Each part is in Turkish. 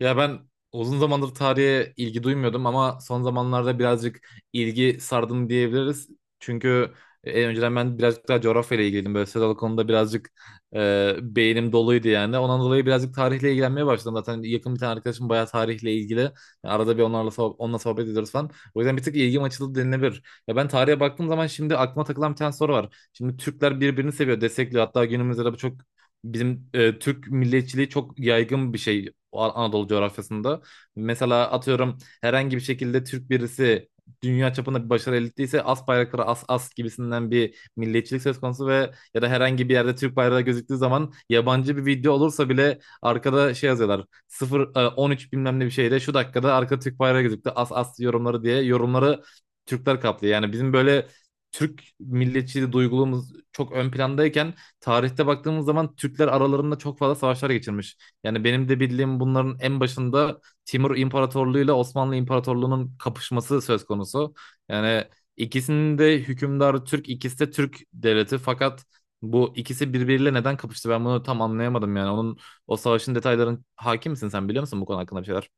Ya ben uzun zamandır tarihe ilgi duymuyordum ama son zamanlarda birazcık ilgi sardım diyebiliriz. Çünkü önceden ben birazcık daha coğrafyayla ilgiliydim. Böyle sözel konuda birazcık beynim doluydu yani. Ondan dolayı birazcık tarihle ilgilenmeye başladım. Zaten yakın bir tane arkadaşım bayağı tarihle ilgili. Yani arada bir onlarla onunla sohbet ediyoruz falan. O yüzden bir tık ilgim açıldı denilebilir. Ya ben tarihe baktığım zaman şimdi aklıma takılan bir tane soru var. Şimdi Türkler birbirini seviyor, destekliyor. Hatta günümüzde de bu çok. Bizim Türk milliyetçiliği çok yaygın bir şey. Anadolu coğrafyasında. Mesela atıyorum herhangi bir şekilde Türk birisi dünya çapında bir başarı elde ettiyse as bayrakları as as gibisinden bir milliyetçilik söz konusu ve ya da herhangi bir yerde Türk bayrağı gözüktüğü zaman yabancı bir video olursa bile arkada şey yazıyorlar 0 13 bilmem ne bir şeyle şu dakikada arka Türk bayrağı gözüktü as as yorumları diye yorumları Türkler kaplıyor. Yani bizim böyle Türk milliyetçiliği duygulumuz çok ön plandayken tarihte baktığımız zaman Türkler aralarında çok fazla savaşlar geçirmiş. Yani benim de bildiğim bunların en başında Timur İmparatorluğu ile Osmanlı İmparatorluğu'nun kapışması söz konusu. Yani ikisinin de hükümdarı Türk, ikisi de Türk devleti. Fakat bu ikisi birbiriyle neden kapıştı? Ben bunu tam anlayamadım yani. Onun o savaşın detayların hakim misin, sen biliyor musun bu konu hakkında bir şeyler?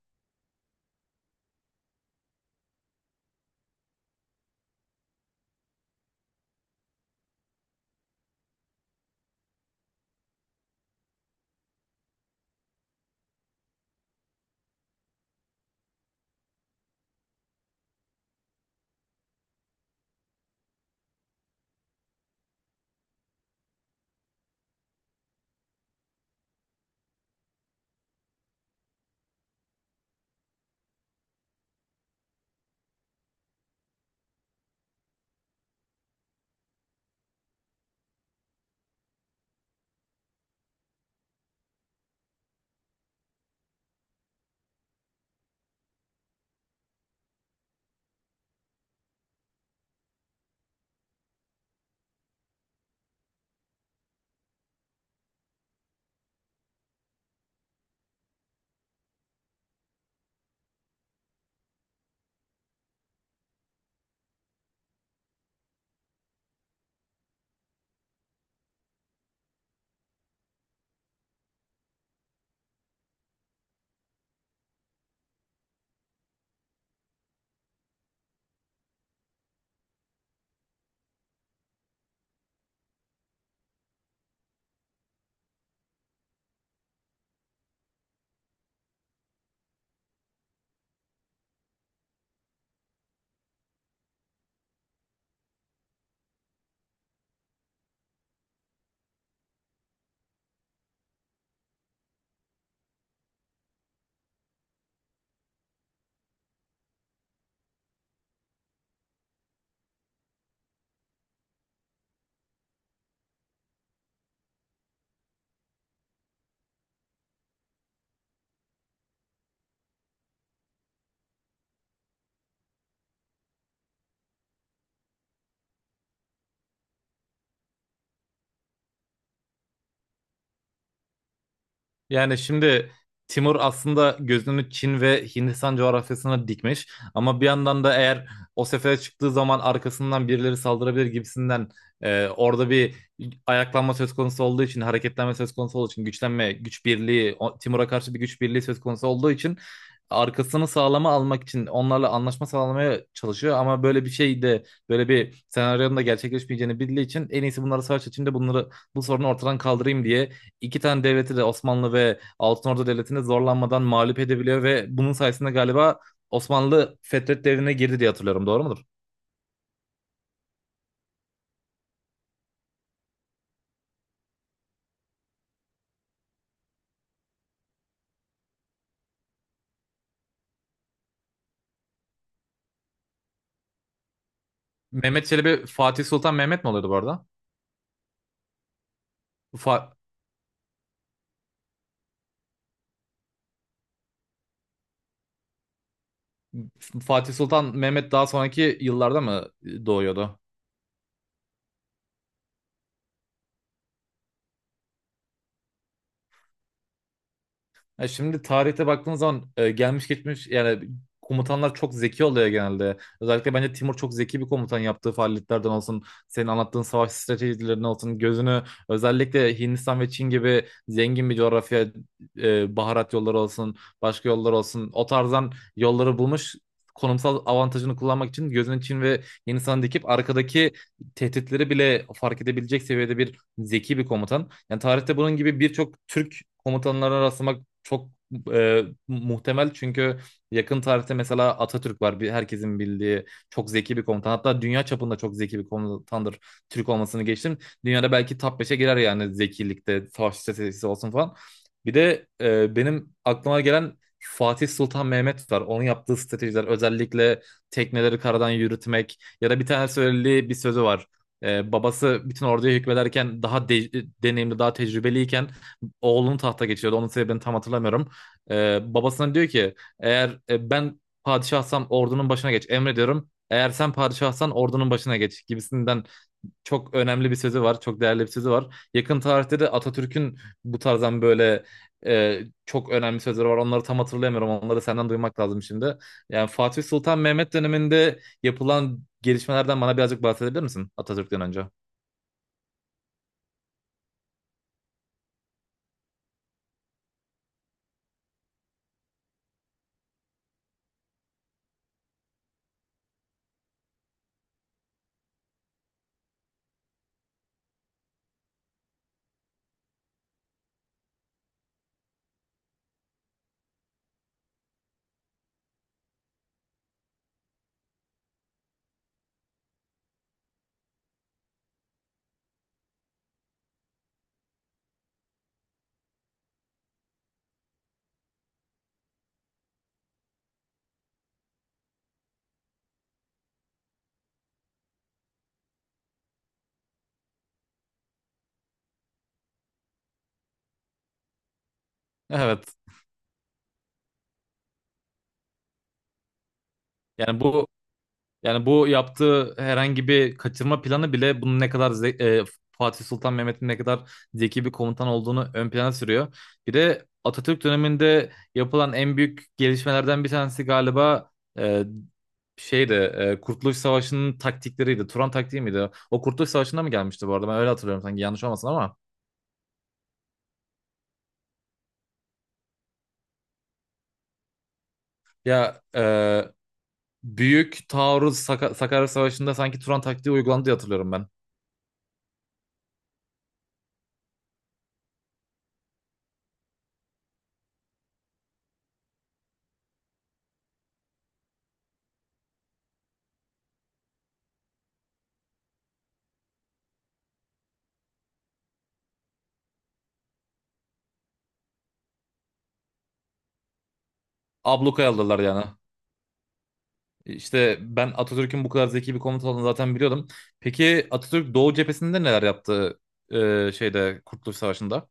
Yani şimdi Timur aslında gözünü Çin ve Hindistan coğrafyasına dikmiş ama bir yandan da eğer o sefere çıktığı zaman arkasından birileri saldırabilir gibisinden, orada bir ayaklanma söz konusu olduğu için, hareketlenme söz konusu olduğu için, güçlenme güç birliği Timur'a karşı bir güç birliği söz konusu olduğu için arkasını sağlama almak için onlarla anlaşma sağlamaya çalışıyor ama böyle bir şey de, böyle bir senaryonun da gerçekleşmeyeceğini bildiği için en iyisi bunları savaş içinde bunları, bu sorunu ortadan kaldırayım diye iki tane devleti de, Osmanlı ve Altınordu Devleti'ni zorlanmadan mağlup edebiliyor ve bunun sayesinde galiba Osmanlı Fetret Devri'ne girdi diye hatırlıyorum. Doğru mudur? Mehmet Çelebi Fatih Sultan Mehmet mi oluyordu bu arada? Fa- Fatih Sultan Mehmet daha sonraki yıllarda mı doğuyordu? Ya şimdi tarihte baktığın zaman gelmiş geçmiş yani komutanlar çok zeki oluyor genelde. Özellikle bence Timur çok zeki bir komutan, yaptığı faaliyetlerden olsun, senin anlattığın savaş stratejilerinden olsun, gözünü özellikle Hindistan ve Çin gibi zengin bir coğrafya, baharat yolları olsun, başka yollar olsun, o tarzdan yolları bulmuş. Konumsal avantajını kullanmak için gözünü Çin ve Hindistan'a dikip arkadaki tehditleri bile fark edebilecek seviyede bir zeki bir komutan. Yani tarihte bunun gibi birçok Türk komutanlarına rastlamak çok e, muhtemel, çünkü yakın tarihte mesela Atatürk var. Bir, herkesin bildiği çok zeki bir komutan. Hatta dünya çapında çok zeki bir komutandır. Türk olmasını geçtim. Dünyada belki top 5'e girer yani zekilikte, savaş stratejisi olsun falan. Bir de benim aklıma gelen Fatih Sultan Mehmet var. Onun yaptığı stratejiler özellikle tekneleri karadan yürütmek ya da bir tane söylediği bir sözü var. Babası bütün orduya hükmederken, daha deneyimli, daha tecrübeliyken oğlunun tahta geçiyordu. Onun sebebini tam hatırlamıyorum. Babasına diyor ki, eğer ben padişahsam ordunun başına geç, emrediyorum. Eğer sen padişahsan ordunun başına geç gibisinden çok önemli bir sözü var. Çok değerli bir sözü var. Yakın tarihte de Atatürk'ün bu tarzdan böyle e, çok önemli sözleri var. Onları tam hatırlayamıyorum. Onları senden duymak lazım şimdi. Yani Fatih Sultan Mehmet döneminde yapılan gelişmelerden bana birazcık bahsedebilir misin, Atatürk'ten önce? Evet. Yani bu Yani bu yaptığı herhangi bir kaçırma planı bile bunun ne kadar Fatih Sultan Mehmet'in ne kadar zeki bir komutan olduğunu ön plana sürüyor. Bir de Atatürk döneminde yapılan en büyük gelişmelerden bir tanesi galiba e, şeydi, Kurtuluş Savaşı'nın taktikleriydi. Turan taktiği miydi? O Kurtuluş Savaşı'nda mı gelmişti bu arada? Ben öyle hatırlıyorum sanki, yanlış olmasın ama. Ya büyük taarruz Sakarya Savaşı'nda sanki Turan taktiği uygulandı diye hatırlıyorum ben. Ablukaya aldılar yani. İşte ben Atatürk'ün bu kadar zeki bir komutan olduğunu zaten biliyordum. Peki Atatürk Doğu cephesinde neler yaptı, şeyde, Kurtuluş Savaşı'nda?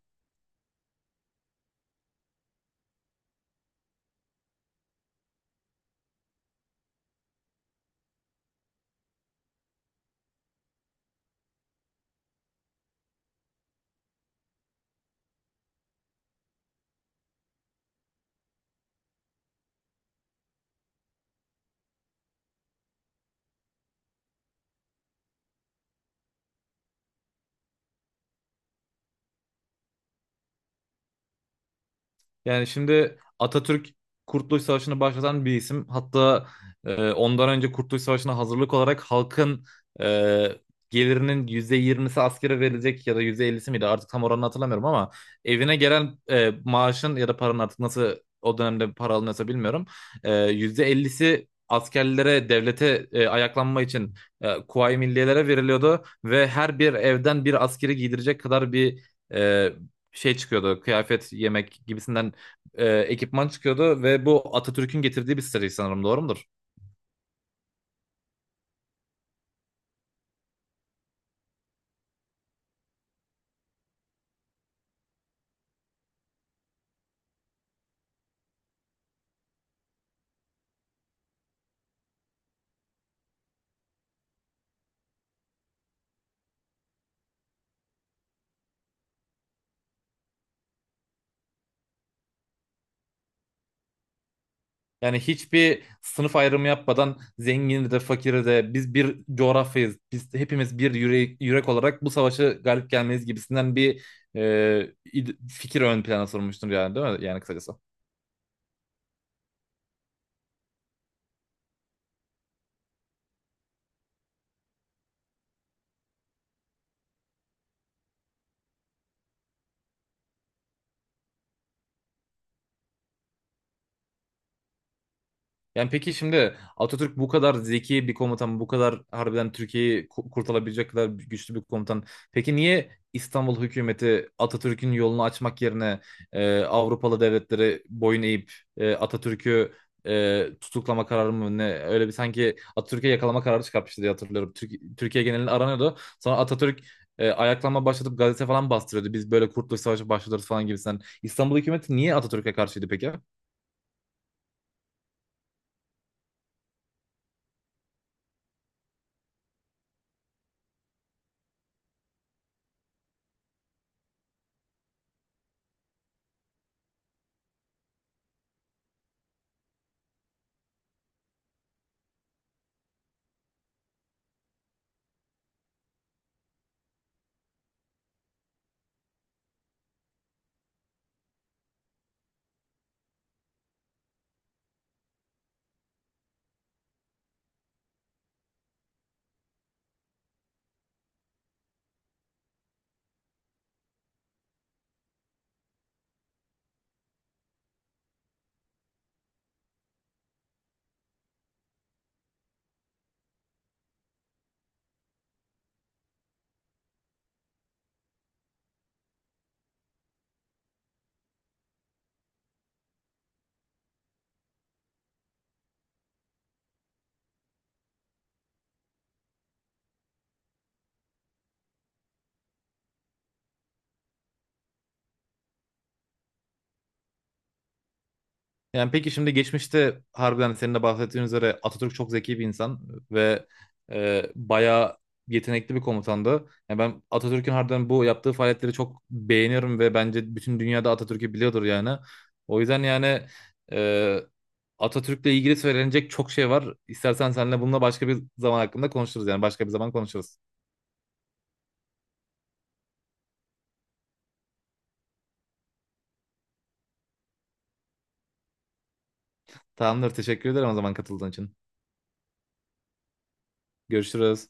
Yani şimdi Atatürk Kurtuluş Savaşı'nı başlatan bir isim. Hatta ondan önce Kurtuluş Savaşı'na hazırlık olarak halkın e, gelirinin %20'si askere verilecek ya da %50'si miydi artık, tam oranını hatırlamıyorum ama evine gelen maaşın ya da paranın, artık nasıl o dönemde para alınıyorsa bilmiyorum. %50'si askerlere, devlete, ayaklanma için, Kuvayi Milliyelere veriliyordu ve her bir evden bir askeri giydirecek kadar bir e, şey çıkıyordu. Kıyafet, yemek gibisinden ekipman çıkıyordu ve bu Atatürk'ün getirdiği bir seri sanırım, doğru mudur? Yani hiçbir sınıf ayrımı yapmadan zengini de fakiri de, biz bir coğrafyayız. Biz hepimiz bir yürek, yürek olarak bu savaşı galip gelmeliyiz gibisinden bir e, fikir ön plana sormuştur yani, değil mi? Yani kısacası. Yani peki şimdi Atatürk bu kadar zeki bir komutan, bu kadar harbiden Türkiye'yi kurtarabilecek kadar güçlü bir komutan. Peki niye İstanbul hükümeti Atatürk'ün yolunu açmak yerine Avrupalı devletleri boyun eğip Atatürk'ü tutuklama kararı mı ne, öyle bir sanki Atatürk'e yakalama kararı çıkartmıştı diye hatırlıyorum. Türkiye genelinde aranıyordu. Sonra Atatürk ayaklanma başlatıp gazete falan bastırıyordu. Biz böyle Kurtuluş Savaşı başlatırız falan gibisinden. İstanbul hükümeti niye Atatürk'e karşıydı peki? Yani peki şimdi geçmişte harbiden, hani senin de bahsettiğin üzere, Atatürk çok zeki bir insan ve bayağı yetenekli bir komutandı. Yani ben Atatürk'ün harbiden bu yaptığı faaliyetleri çok beğeniyorum ve bence bütün dünyada Atatürk'ü biliyordur yani. O yüzden yani e, Atatürk'le ilgili söylenecek çok şey var. İstersen seninle bununla başka bir zaman hakkında konuşuruz, yani başka bir zaman konuşuruz. Tamamdır, teşekkür ederim o zaman, katıldığın için. Görüşürüz.